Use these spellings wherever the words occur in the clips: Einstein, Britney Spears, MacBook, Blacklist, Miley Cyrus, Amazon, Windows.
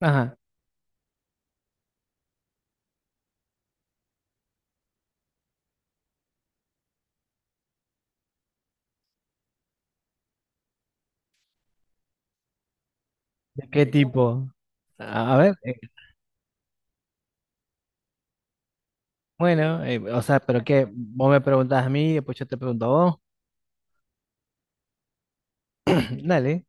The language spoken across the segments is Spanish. Ajá. ¿De qué tipo? A a ver, eh, bueno, o sea, pero qué, vos me preguntás a mí y después yo te pregunto a vos. Dale,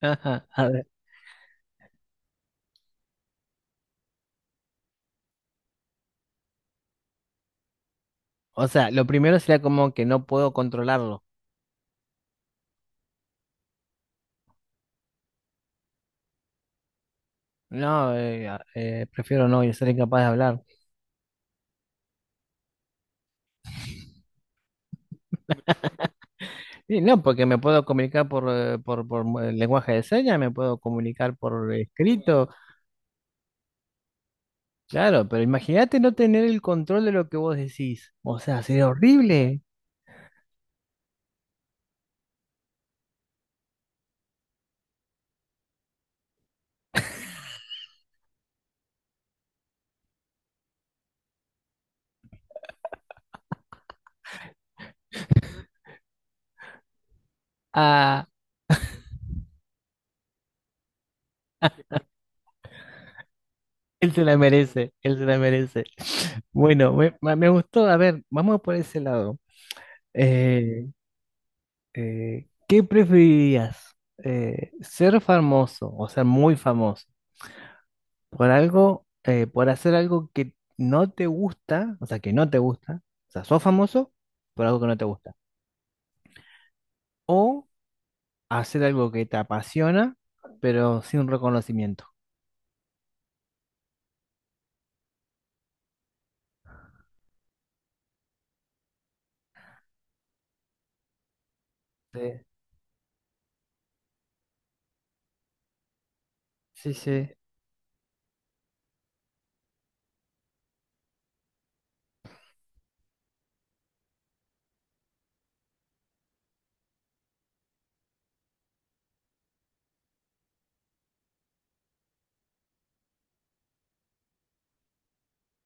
ajá, a ver. O sea, lo primero sería como que no puedo controlarlo. No, prefiero no y ser incapaz de hablar. Y no, porque me puedo comunicar por lenguaje de señas, me puedo comunicar por escrito, claro, pero imagínate no tener el control de lo que vos decís. O sea, sería horrible. Ah, él se la merece, él se la merece. Bueno, me gustó. A ver, vamos por ese lado. Eh, ¿Qué preferirías? ¿Ser famoso o ser muy famoso por algo, por hacer algo que no te gusta, o sea, que no te gusta, o sea, sos famoso por algo que no te gusta, o hacer algo que te apasiona, pero sin reconocimiento? Sí, sí, sí.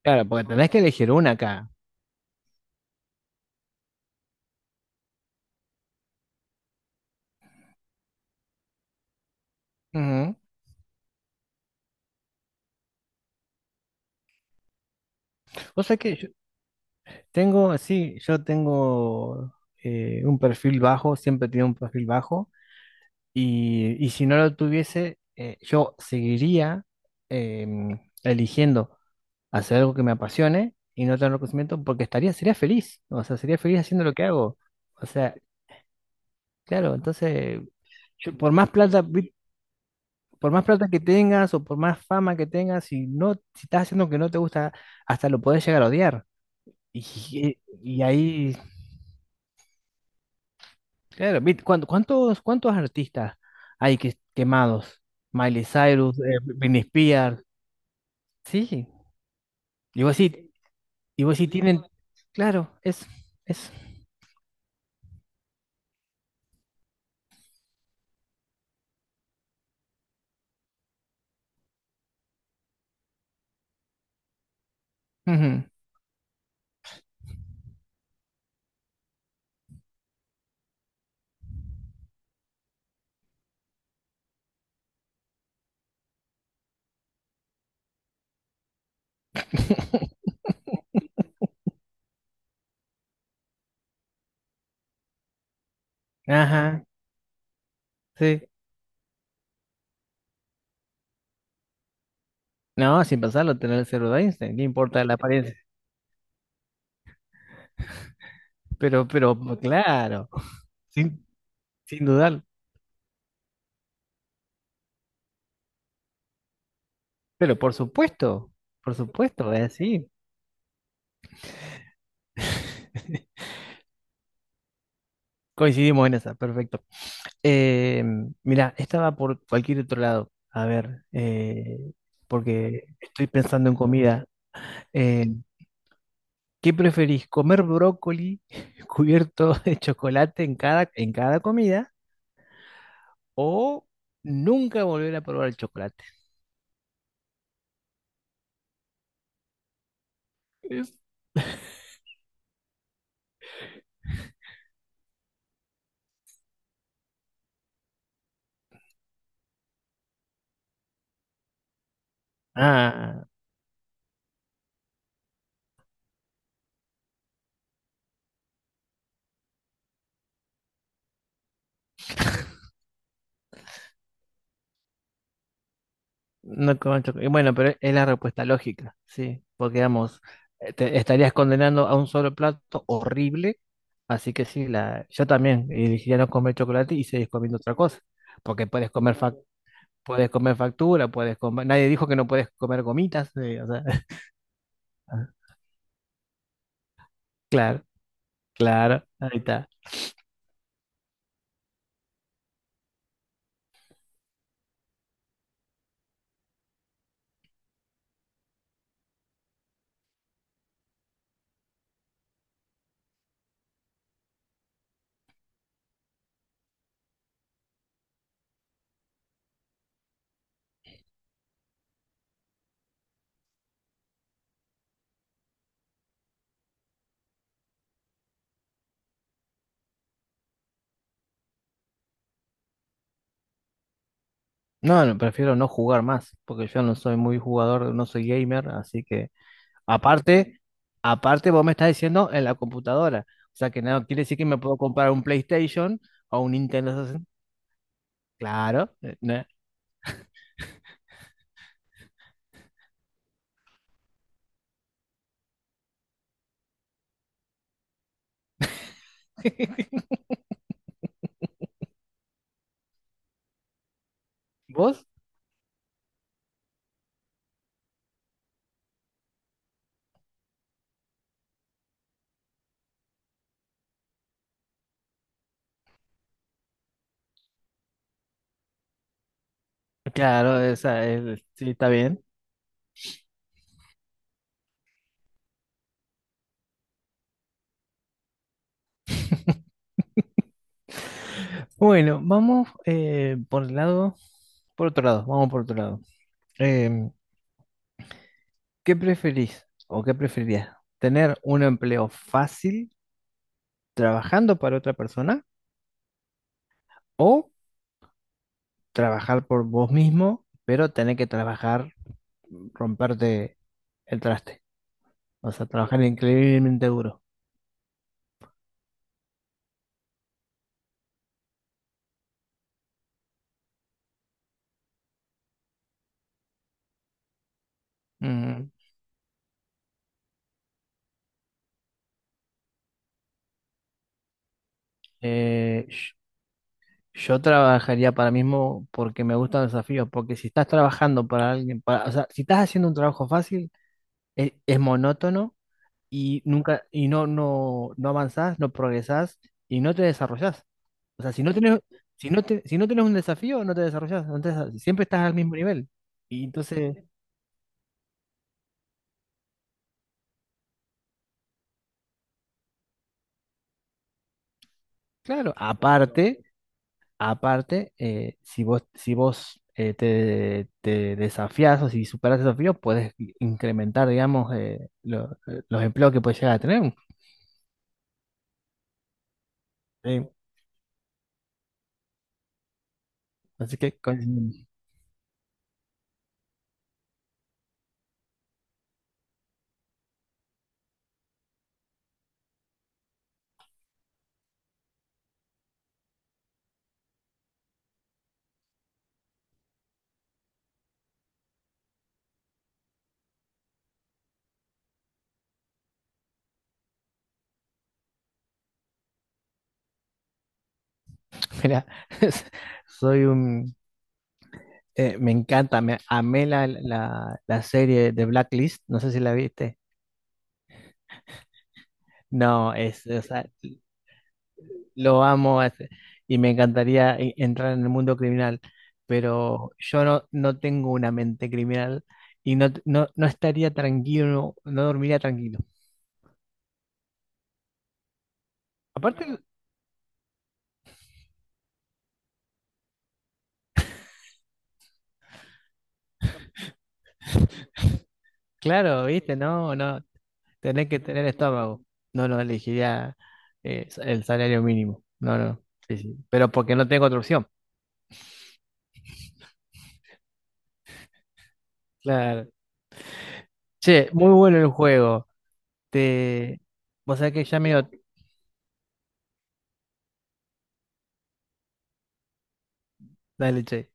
Claro, porque tenés que elegir una acá. Ujú. O sea que tengo, sí, yo tengo un perfil bajo, siempre he tenido un perfil bajo, y si no lo tuviese, yo seguiría em, eligiendo hacer algo que me apasione y no tener reconocimiento porque estaría, sería feliz, o sea, sería feliz haciendo lo que hago. O sea, claro, entonces, por más plata, por más plata que tengas o por más fama que tengas, si no, si estás haciendo lo que no te gusta, hasta lo podés llegar a odiar. Y, y ahí. Claro, ¿cuánto- ¿cuántos, cuántos artistas hay que, quemados? Miley Cyrus, Britney Spears, sí, sí. Y vos sí, y vos sí tienen, claro, es, es. Ujú. Ajá, sí. No, sin pasarlo, tener el cero de Einstein, ¿qué importa la apariencia? Pero, claro, sin, sin dudar. Pero por supuesto, es así. Coincidimos en esa, perfecto. Eh, Mira, estaba por cualquier otro lado. A ver, porque estoy pensando en comida. Eh, ¿Qué preferís? ¿Comer brócoli cubierto de chocolate en cada comida o nunca volver a probar el chocolate? Es- Ah, no con chocolate. Bueno, pero es la respuesta lógica, sí, porque digamos, te estarías condenando a un solo plato horrible, así que sí, la, yo también elegiría no comer chocolate y seguir comiendo otra cosa, porque puedes comer factura, puedes comer, nadie dijo que no puedes comer gomitas, o sea, claro, claro, ahí está. No, no, prefiero no jugar más, porque yo no soy muy jugador, no soy gamer, así que aparte, aparte vos me estás diciendo en la computadora. O sea que no quiere decir que me puedo comprar un PlayStation o un Nintendo 60. Claro, ¿no? ¿Vos? Claro, esa es- sí, está bien. Bueno, vamos por el lado, por otro lado, vamos por otro lado. Em, ¿Qué preferís o qué preferirías? ¿Tener un empleo fácil trabajando para otra persona o trabajar por vos mismo, pero tener que trabajar, romperte el traste? Vas a trabajar increíblemente duro. Ujú. Eh, sh- yo trabajaría para mí mismo porque me gustan los desafíos, porque si estás trabajando para alguien, para, o sea, si estás haciendo un trabajo fácil, es monótono y nunca, y no, no, no avanzás, no progresás y no te desarrollás. O sea, si no tenés, si no te, si no tenés un desafío, no te desarrollás, no te desa- siempre estás al mismo nivel. Y entonces, claro, aparte. Aparte, si vos, si vos te, te desafías o si superas el desafío, puedes incrementar, digamos, los empleos que puedes llegar a tener. Sí, así que, mira, soy un... Me encanta, me amé la, la, la serie de Blacklist, no sé si la viste. No, es, o sea, Lo amo es- y me encantaría entrar en el mundo criminal, pero yo no, no tengo una mente criminal y no, no, no estaría tranquilo, no dormiría tranquilo. Aparte, claro, viste, no, no, tenés que tener estómago. No, no elegiría el salario mínimo. No, no, sí, sí. Pero porque no tengo otra opción. Claro. Che, muy bueno el juego. Te... Vos sabés que ya me dio... Dale, che.